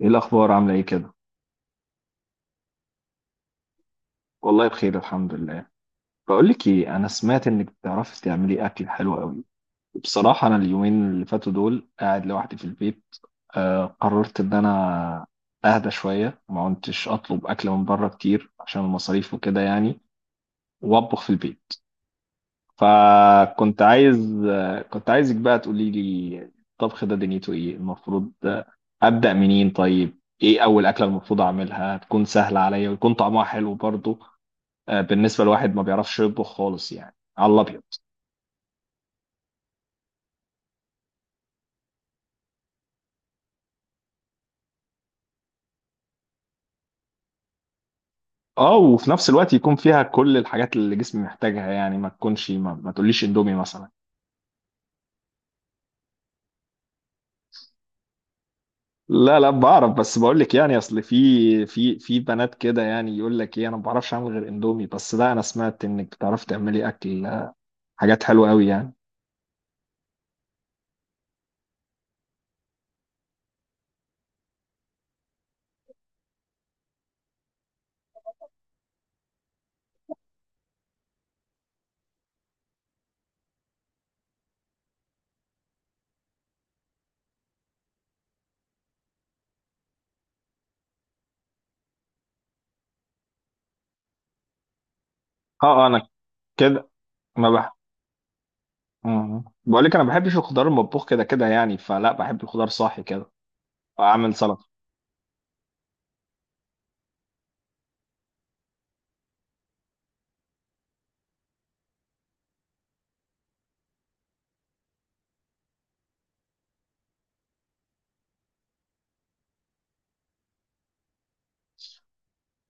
ايه الاخبار؟ عامله ايه كده؟ والله بخير الحمد لله. بقول لك ايه، انا سمعت انك بتعرفي تعملي اكل حلو قوي. بصراحه انا اليومين اللي فاتوا دول قاعد لوحدي في البيت. قررت ان انا اهدى شويه. ما كنتش اطلب اكل من بره كتير عشان المصاريف وكده يعني، واطبخ في البيت. فكنت عايز آه كنت عايزك بقى تقولي لي الطبخ ده دنيته ايه المفروض. ابدا منين؟ طيب ايه اول اكله المفروض اعملها، تكون سهله عليا ويكون طعمها حلو برضه؟ بالنسبه لواحد ما بيعرفش يطبخ خالص يعني، على الابيض. اه، وفي نفس الوقت يكون فيها كل الحاجات اللي جسمي محتاجها، يعني ما تكونش ما تقوليش اندومي مثلا. لا لا بعرف، بس بقول لك يعني اصل في بنات كده يعني يقول لك ايه، انا ما بعرفش اعمل غير اندومي. بس لا، انا سمعت انك بتعرفي تعملي اكل، حاجات حلوه قوي يعني. انا كده ما بح بقول لك، انا ما بحبش الخضار المطبوخ كده كده يعني، فلا بحب الخضار صاحي كده. اعمل سلطه.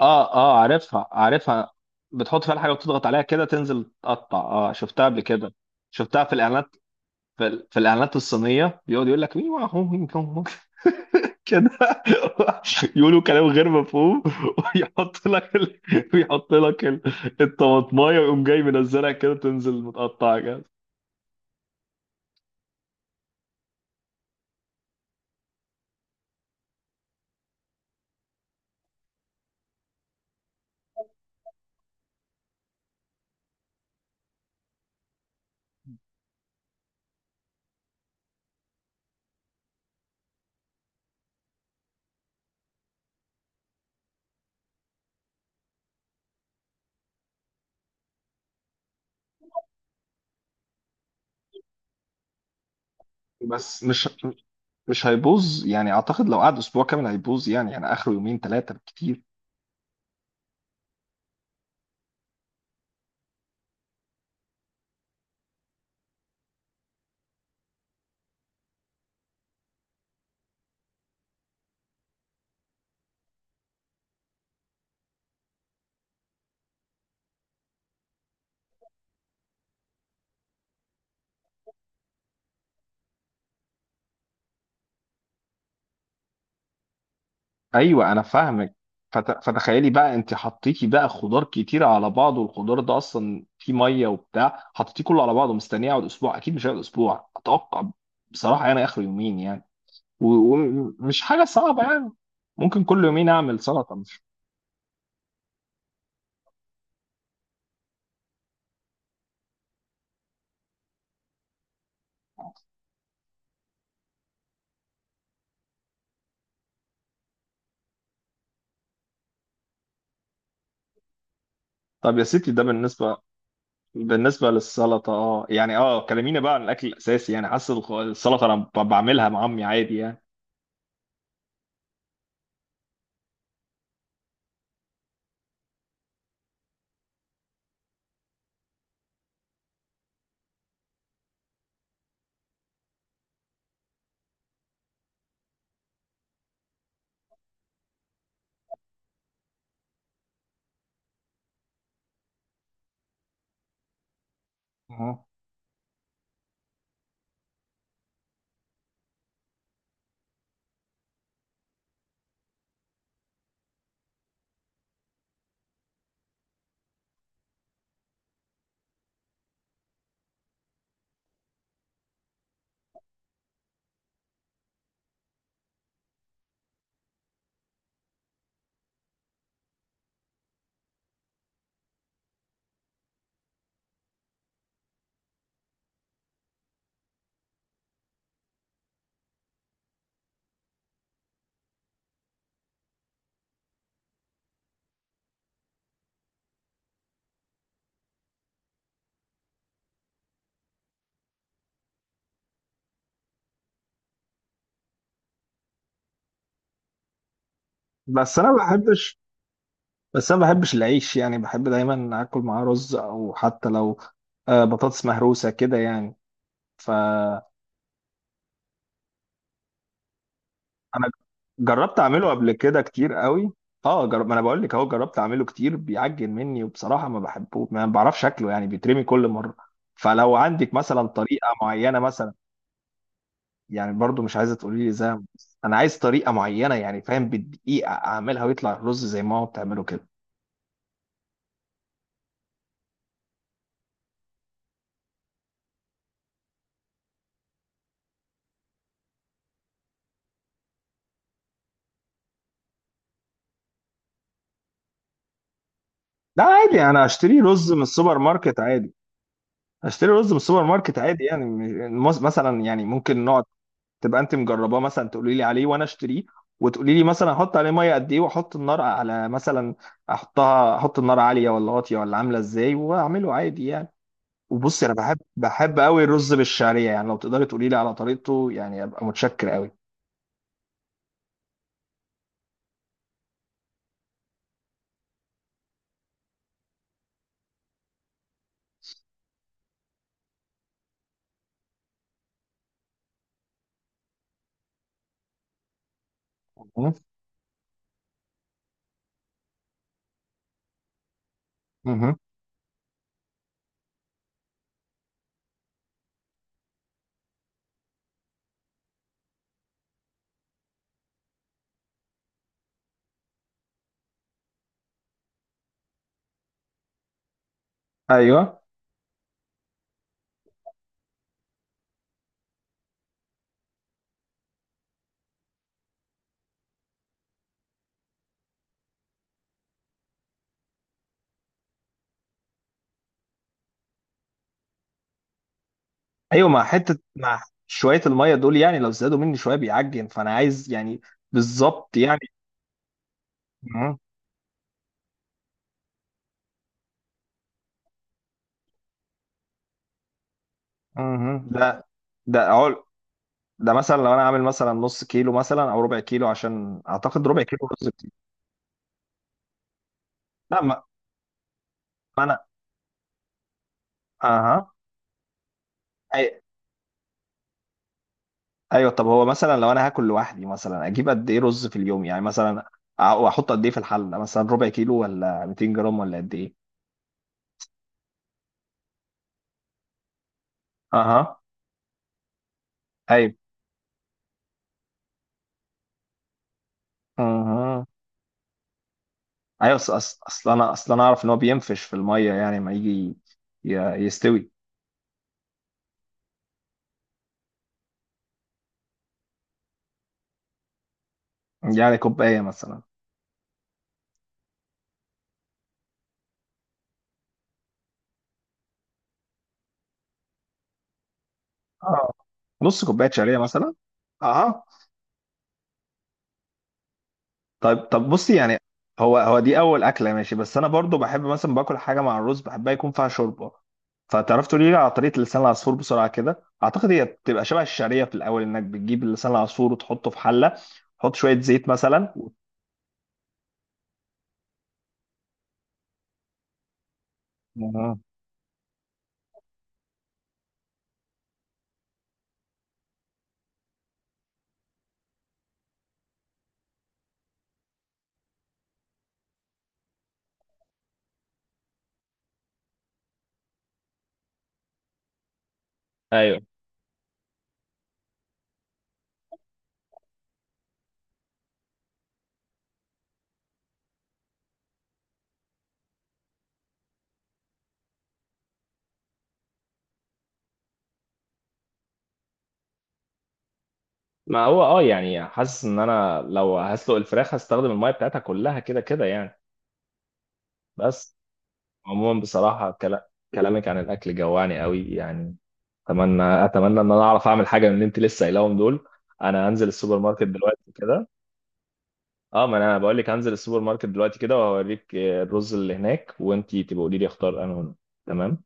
اه اه، عارفها عارفها. بتحط فيها الحاجه وتضغط عليها كده تنزل تقطع. اه، شفتها قبل كده، شفتها في الاعلانات. في الاعلانات الصينيه بيقعد يقول لك مين هو كده يقولوا كلام غير مفهوم ويحط لك ال... ويحط لك الطماطمايه ويقوم جاي منزلها كده تنزل متقطعه كده. بس مش هيبوظ يعني، اعتقد لو قعد اسبوع كامل هيبوظ يعني اخره يومين ثلاثه بالكتير. ايوه انا فاهمك. فتخيلي بقى انت حطيتي بقى خضار كتير على بعض، والخضار ده اصلا فيه ميه وبتاع، حطيتيه كله على بعضه مستنيه يقعد اسبوع؟ اكيد مش هيقعد اسبوع اتوقع. بصراحه انا اخر يومين يعني. و- ومش حاجه صعبه يعني، ممكن كل يومين اعمل سلطه مش. طب يا ستي ده بالنسبه، بالنسبه للسلطه. اه يعني، اه كلمينا بقى عن الاكل الاساسي يعني، حاسس السلطه انا بعملها مع امي عادي يعني. أها. بس انا ما بحبش بس انا ما بحبش العيش يعني، بحب دايما اكل معاه رز، او حتى لو بطاطس مهروسه كده يعني. فانا جربت اعمله قبل كده كتير قوي. اه جرب، ما انا بقول لك اهو جربت اعمله كتير، بيعجن مني وبصراحه ما بحبه، ما بعرفش اكله يعني، بيترمي كل مره. فلو عندك مثلا طريقه معينه مثلا. يعني برضو مش عايزه تقولي لي زي، انا عايز طريقه معينه يعني، فاهم، بالدقيقه اعملها ويطلع الرز زي ما هو بتعمله كده. لا عادي انا اشتري رز من السوبر ماركت عادي. يعني مثلا، يعني ممكن نقعد، تبقى انت مجرباه مثلا تقولي لي عليه وانا اشتريه. وتقولي لي مثلا احط عليه ميه قد ايه، واحط النار على مثلا، احط النار عاليه ولا واطيه ولا عامله ازاي، واعمله عادي يعني. وبصي انا بحب قوي الرز بالشعريه، يعني لو تقدري تقولي لي على طريقته يعني ابقى متشكر قوي. مهم. مهم. ايوه. ايوه، مع شويه الميه دول يعني، لو زادوا مني شويه بيعجن، فانا عايز يعني بالظبط يعني. مهم. مهم. لا. ده ده مثلا لو انا عامل مثلا نص كيلو، مثلا او ربع كيلو، عشان اعتقد ربع كيلو رز كتير. لا ما انا، اها. أي... ايوه، طب هو مثلا لو انا هاكل لوحدي مثلا، اجيب قد ايه رز في اليوم يعني؟ مثلا واحط قد ايه في الحله، مثلا ربع كيلو ولا 200 جرام ولا قد ايه؟ اها. ايوه. اها. ايوه، أصل انا اعرف ان هو بينفش في الميه، يعني ما يجي يستوي. يعني كوبايه مثلا. اه، نص كوبايه شعريه مثلا. اها. طيب طب بصي يعني، هو دي اول اكله ماشي. بس انا برضو بحب مثلا باكل حاجه مع الرز بحبها يكون فيها شوربه. فتعرف تقولي لي على طريقه لسان العصفور بسرعه كده؟ اعتقد هي بتبقى شبه الشعريه، في الاول انك بتجيب لسان العصفور وتحطه في حله، تحط شويه زيت مثلا آه. ايوه. ما هو اه يعني، حاسس ان انا لو هسلق الفراخ هستخدم الميه بتاعتها كلها كده كده يعني. بس، عموما بصراحه كلامك عن الاكل جوعني قوي يعني. اتمنى ان انا اعرف اعمل حاجه من اللي انت لسه قايلاهم دول. انا هنزل السوبر ماركت دلوقتي كده. اه، ما انا بقول لك هنزل السوبر ماركت دلوقتي كده وهوريك الرز اللي هناك، وانت تبقى قولي لي اختار انا هنا. تمام.